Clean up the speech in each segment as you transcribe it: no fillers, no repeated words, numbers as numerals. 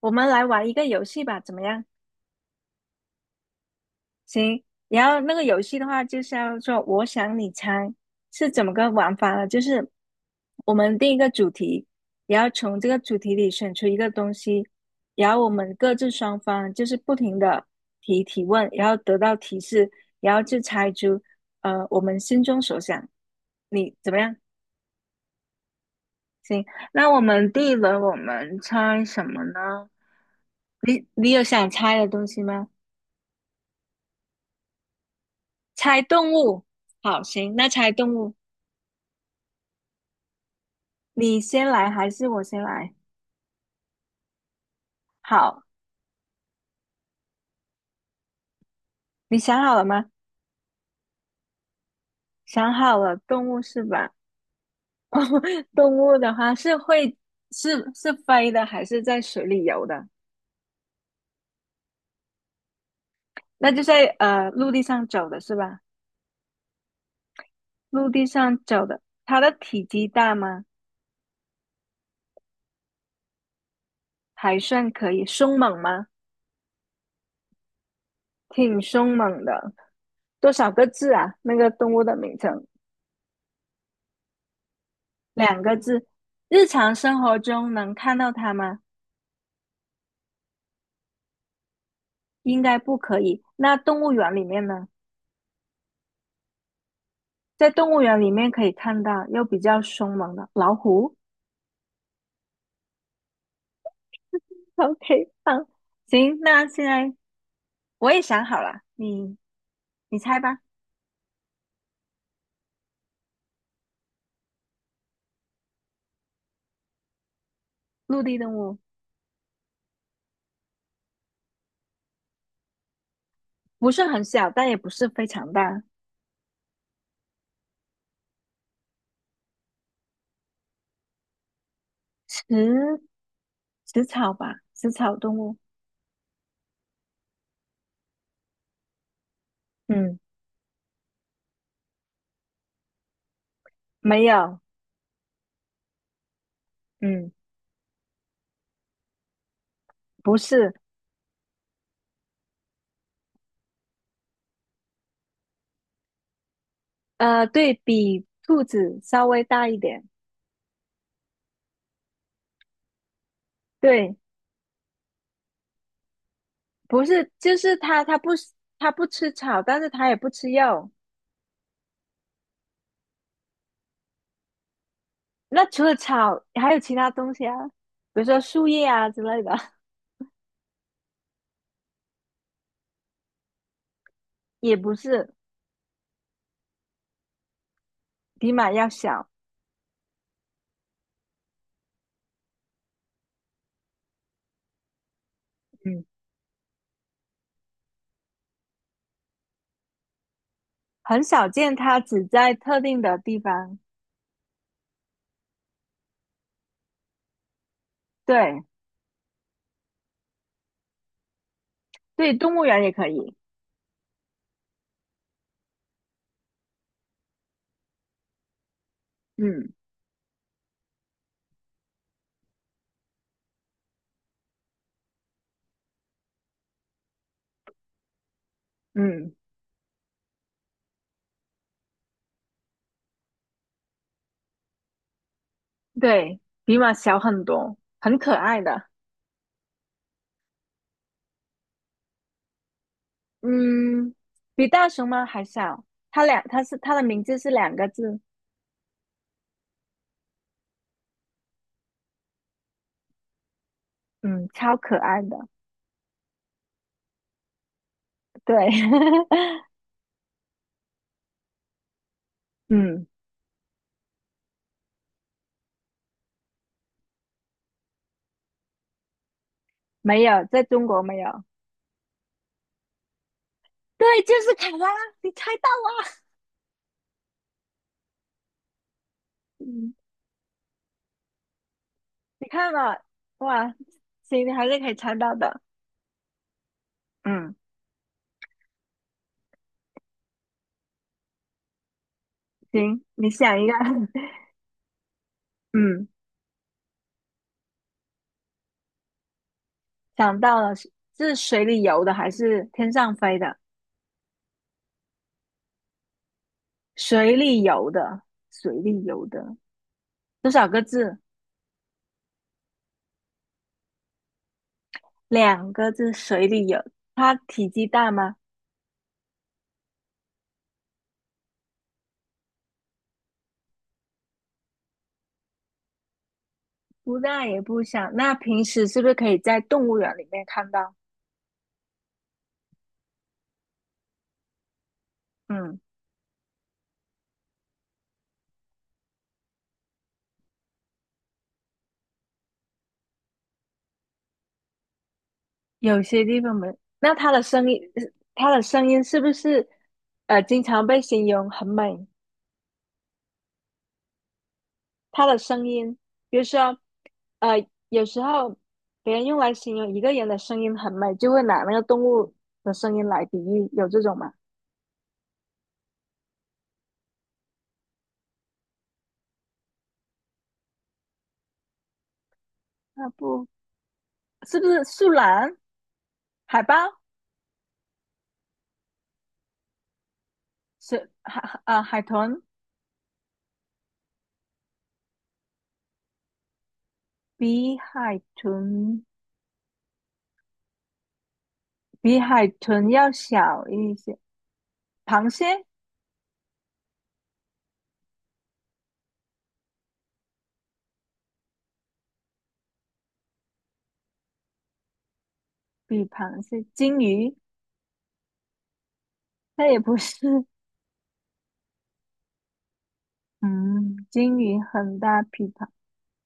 我们来玩一个游戏吧，怎么样？行，然后那个游戏的话，就是叫做“我想你猜”，是怎么个玩法呢？就是我们定一个主题，然后从这个主题里选出一个东西，然后我们各自双方就是不停的提问，然后得到提示，然后就猜出我们心中所想。你怎么样？行，那我们第一轮我们猜什么呢？你有想猜的东西吗？猜动物，好，行，那猜动物，你先来还是我先来？好，你想好了吗？想好了，动物是吧？动物的话是会是飞的，还是在水里游的？那就在陆地上走的是吧？陆地上走的，它的体积大吗？还算可以，凶猛吗？挺凶猛的。多少个字啊？那个动物的名称两个字。日常生活中能看到它吗？应该不可以。那动物园里面呢？在动物园里面可以看到又比较凶猛的老虎。OK，好，行，那现在我也想好了，你猜吧。陆地动物不是很小，但也不是非常大，食食草吧，食草动物。嗯，没有，嗯，不是，呃，对比兔子稍微大一点。对，不是，就是它，它不吃草，但是它也不吃肉。那除了草，还有其他东西啊，比如说树叶啊之类的，也不是。比马要小，嗯，很少见，它只在特定的地方。对对，动物园也可以。嗯嗯，对，比马小很多，很可爱的。嗯，比大熊猫还小。它两，它是它的名字是两个字。嗯，超可爱的。对，嗯，没有，在中国没有。对，就是卡拉，你猜到了。嗯你看了，哇，行，你还是可以猜到的。嗯，行，你想一个，嗯，想到了，是水里游的还是天上飞的？水里游的，水里游的，多少个字？两个字，水里游。它体积大吗？不大也不小。那平时是不是可以在动物园里面看到？嗯，有些地方没。那它的声音，它的声音是不是经常被形容很美？它的声音，比如说，有时候别人用来形容一个人的声音很美，就会拿那个动物的声音来比喻，有这种吗？啊，不是不是树懒、海豹、海豚，比海豚比海豚要小一些，螃蟹，鲸鱼那也不是，嗯，鲸鱼很大，比螃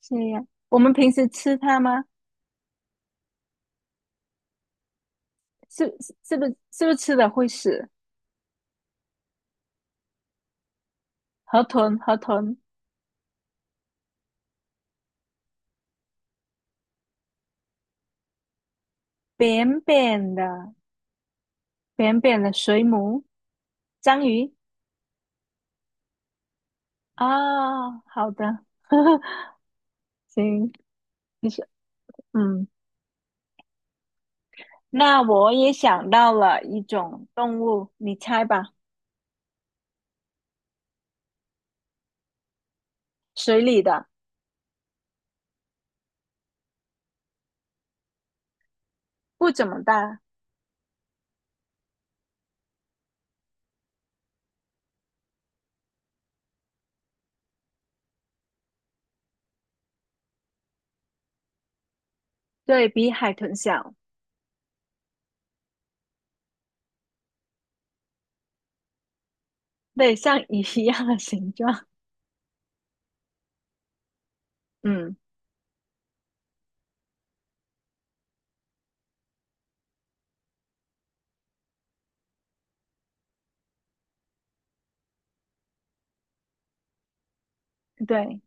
蟹呀。我们平时吃它吗？是是不是吃了会死？河豚，河豚，扁扁的，扁扁的水母，章鱼啊、好的，行，你是嗯，那我也想到了一种动物，你猜吧，水里的，不怎么大，对比海豚小，对，像鱼一样的形状，嗯，对，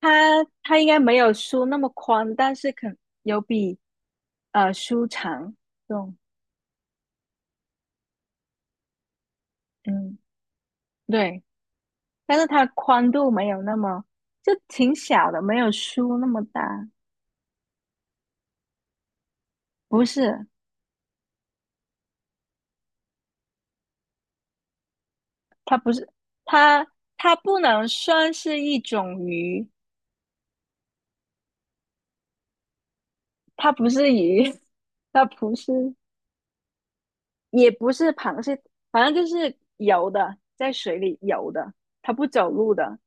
它它应该没有书那么宽，但是肯有比书长，对，嗯，对。但是它宽度没有那么，就挺小的，没有书那么大。不是，它不是，它它不能算是一种鱼，它不是鱼，它不是，也不是螃蟹，反正就是游的，在水里游的，它不走路的，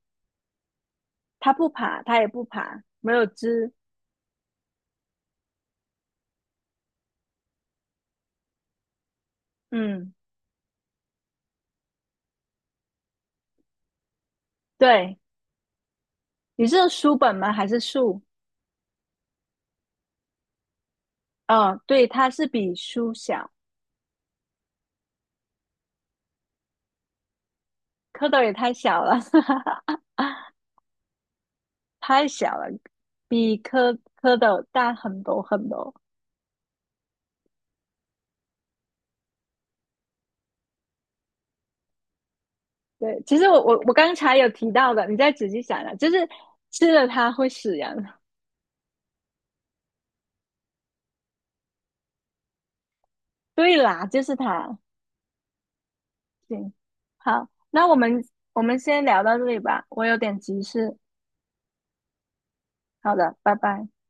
它不爬，它也不爬，没有肢。嗯，对，你是书本吗？还是树？哦，对，它是比书小，蝌蚪也太小了。太小了，比蝌蝌蚪大很多很多。对，其实我刚才有提到的，你再仔细想啊，就是吃了它会死人。对啦，就是它。行，好，那我们先聊到这里吧，我有点急事。好的，拜拜。